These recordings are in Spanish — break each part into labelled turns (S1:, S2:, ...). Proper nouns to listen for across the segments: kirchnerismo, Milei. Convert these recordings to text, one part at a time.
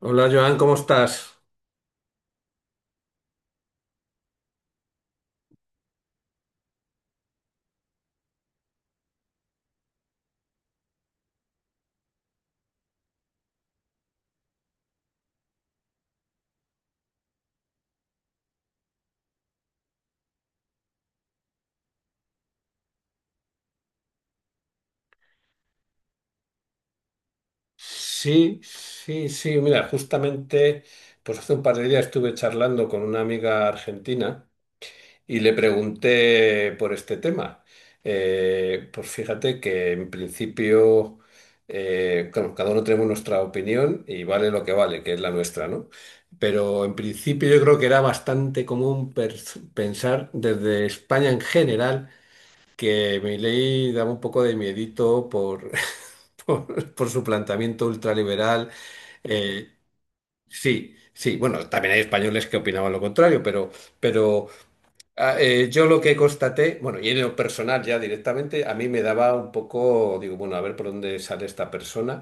S1: Hola Joan, ¿cómo estás? Sí, sí, sí. Mira, justamente, pues hace un par de días estuve charlando con una amiga argentina y le pregunté por este tema. Pues fíjate que en principio, claro, cada uno tenemos nuestra opinión y vale lo que vale, que es la nuestra, ¿no? Pero en principio yo creo que era bastante común pensar desde España en general, que Milei daba un poco de miedito por, por su planteamiento ultraliberal. Eh, sí, sí, bueno, también hay españoles que opinaban lo contrario, pero yo lo que constaté, bueno, y en lo personal ya directamente, a mí me daba un poco, digo, bueno, a ver por dónde sale esta persona.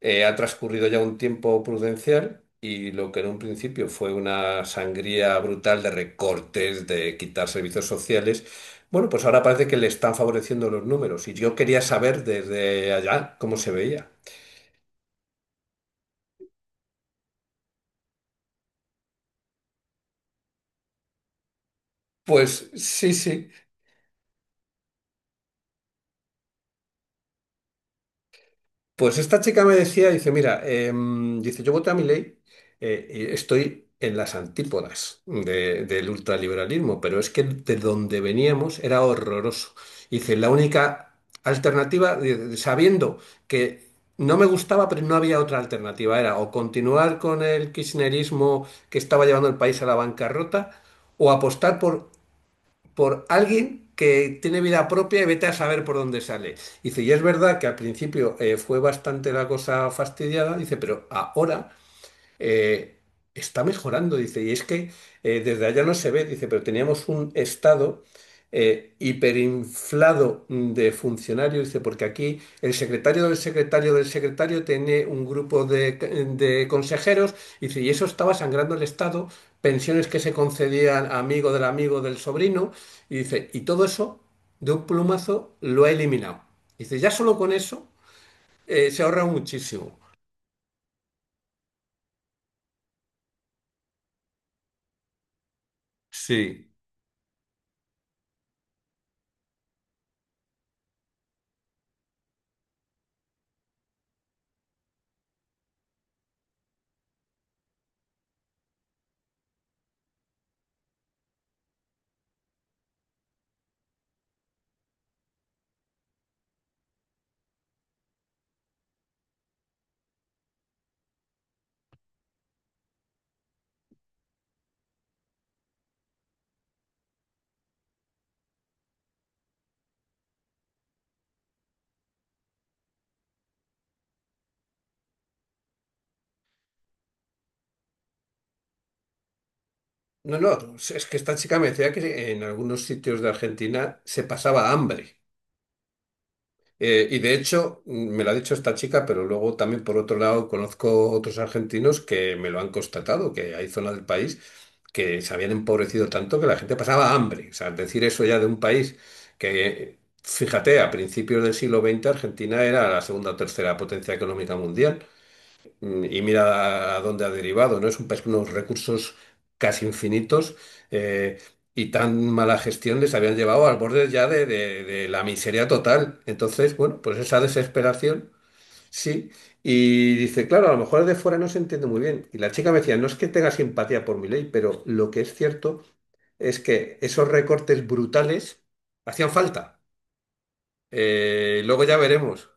S1: Ha transcurrido ya un tiempo prudencial y lo que en un principio fue una sangría brutal de recortes, de quitar servicios sociales, bueno, pues ahora parece que le están favoreciendo los números y yo quería saber desde allá cómo se veía. Pues sí, sí. Pues esta chica me decía, dice, mira, dice, yo voté a mi ley y estoy en las antípodas del ultraliberalismo, pero es que de donde veníamos era horroroso. Dice, la única alternativa, dice, sabiendo que no me gustaba, pero no había otra alternativa, era o continuar con el kirchnerismo que estaba llevando el país a la bancarrota, o apostar por alguien que tiene vida propia y vete a saber por dónde sale. Dice, y es verdad que al principio fue bastante la cosa fastidiada, dice, pero ahora eh, está mejorando, dice, y es que desde allá no se ve, dice, pero teníamos un estado hiperinflado de funcionarios, dice, porque aquí el secretario del secretario del secretario tiene un grupo de consejeros, dice, y eso estaba sangrando el estado, pensiones que se concedían a amigo del sobrino, y dice, y todo eso de un plumazo lo ha eliminado. Dice, ya solo con eso se ahorra muchísimo. Sí. No, no, es que esta chica me decía que en algunos sitios de Argentina se pasaba hambre. Y de hecho, me lo ha dicho esta chica, pero luego también por otro lado conozco otros argentinos que me lo han constatado, que hay zonas del país que se habían empobrecido tanto que la gente pasaba hambre. O sea, decir eso ya de un país que, fíjate, a principios del siglo XX Argentina era la segunda o tercera potencia económica mundial. Y mira a dónde ha derivado, ¿no? Es un país con unos recursos casi infinitos eh, y tan mala gestión les habían llevado al borde ya de, de la miseria total. Entonces, bueno, pues esa desesperación, sí. Y dice, claro, a lo mejor de fuera no se entiende muy bien. Y la chica me decía, no es que tenga simpatía por mi ley, pero lo que es cierto es que esos recortes brutales hacían falta. Luego ya veremos.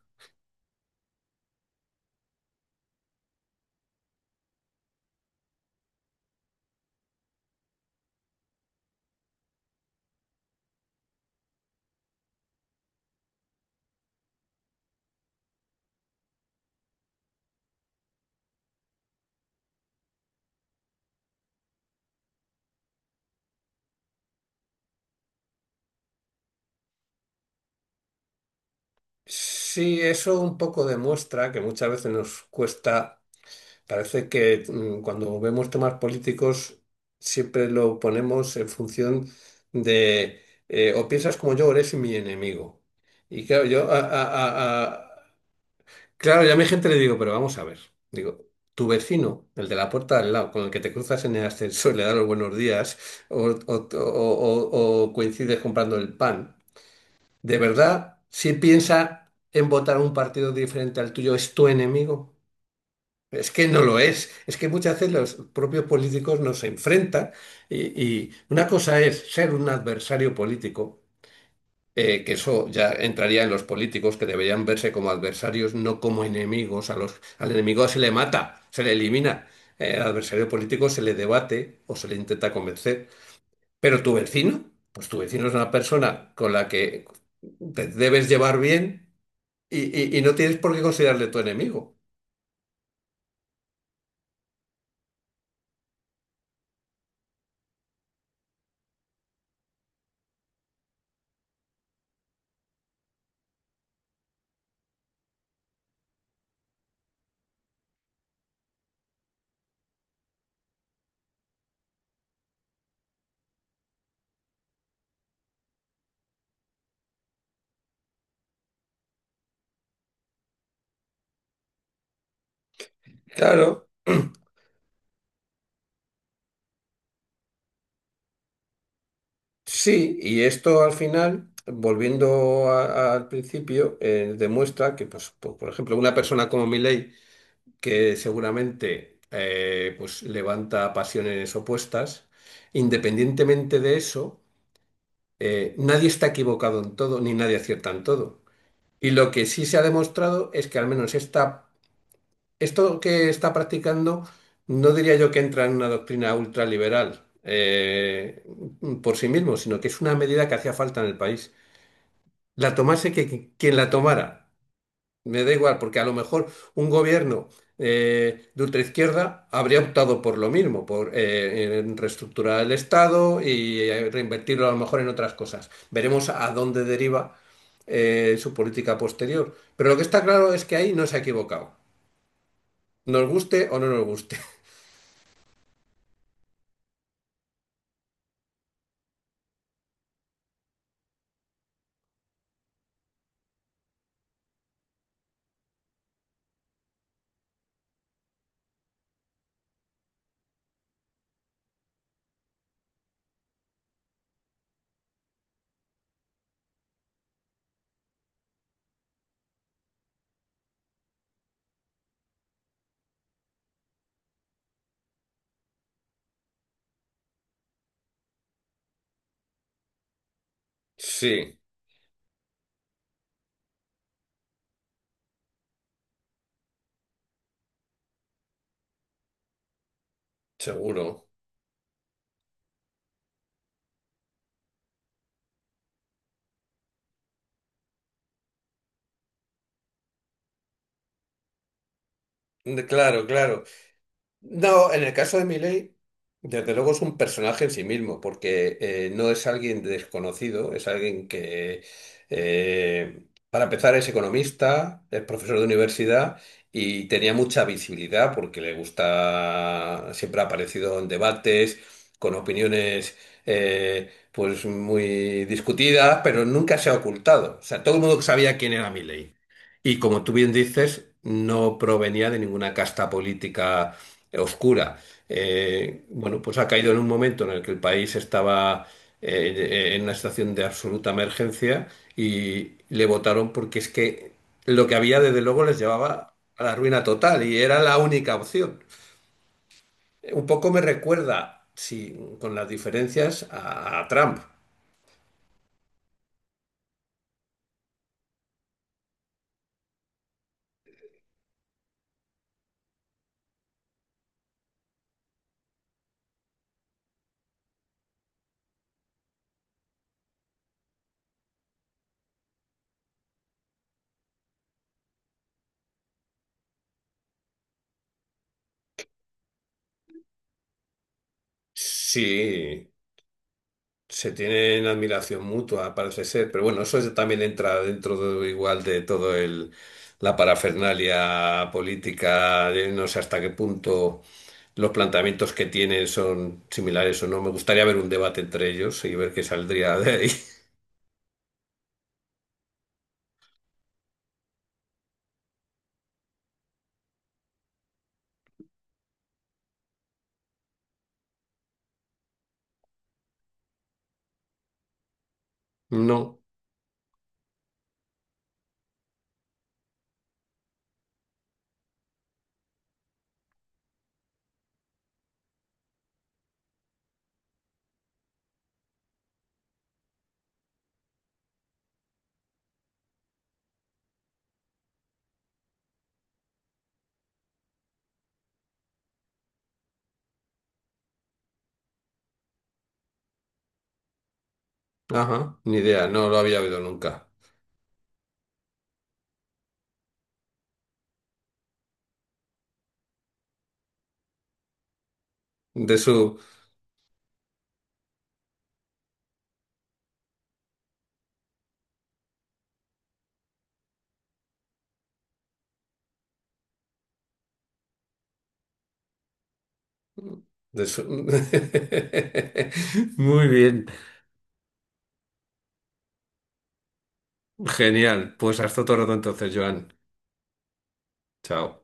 S1: Sí, eso un poco demuestra que muchas veces nos cuesta. Parece que cuando vemos temas políticos siempre lo ponemos en función de o piensas como yo o eres mi enemigo. Y claro, yo a- claro, ya a mi gente le digo, pero vamos a ver. Digo, tu vecino, el de la puerta de al lado, con el que te cruzas en el ascensor, le das los buenos días, o coincides comprando el pan. ¿De verdad, si piensa en votar un partido diferente al tuyo, es tu enemigo? Es que no lo es. Es que muchas veces los propios políticos nos enfrentan y, y una cosa es ser un adversario político, que eso ya entraría en los políticos que deberían verse como adversarios, no como enemigos. A los, al enemigo se le mata, se le elimina. Al adversario político se le debate o se le intenta convencer. Pero tu vecino, pues tu vecino es una persona con la que te debes llevar bien y, y no tienes por qué considerarle tu enemigo. Claro. Sí, y esto al final, volviendo al principio, demuestra que, pues, por ejemplo, una persona como Milei, que seguramente pues, levanta pasiones opuestas, independientemente de eso, nadie está equivocado en todo, ni nadie acierta en todo. Y lo que sí se ha demostrado es que al menos esta, esto que está practicando, no diría yo que entra en una doctrina ultraliberal por sí mismo, sino que es una medida que hacía falta en el país. La tomase que, quien la tomara. Me da igual, porque a lo mejor un gobierno de ultraizquierda habría optado por lo mismo, por en reestructurar el Estado y reinvertirlo a lo mejor en otras cosas. Veremos a dónde deriva su política posterior. Pero lo que está claro es que ahí no se ha equivocado. Nos guste o no nos guste. Sí, seguro. Claro, claro. No, en el caso de Milei, desde luego es un personaje en sí mismo, porque no es alguien desconocido, es alguien que, para empezar, es economista, es profesor de universidad y tenía mucha visibilidad porque le gusta, siempre ha aparecido en debates, con opiniones pues muy discutidas, pero nunca se ha ocultado. O sea, todo el mundo sabía quién era Milei. Y como tú bien dices, no provenía de ninguna casta política oscura. Bueno, pues ha caído en un momento en el que el país estaba en una situación de absoluta emergencia y le votaron porque es que lo que había desde luego les llevaba a la ruina total y era la única opción. Un poco me recuerda, sí, con las diferencias a Trump. Sí. Se tienen admiración mutua, parece ser, pero bueno, eso es- también entra dentro de- igual de todo el la parafernalia política, de no sé hasta qué punto los planteamientos que tienen son similares o no. Me gustaría ver un debate entre ellos y ver qué saldría de ahí. No, ajá, ni idea, no lo había oído nunca. De su, de su... Muy bien, genial. Pues hasta otro rato entonces, Joan. Chao.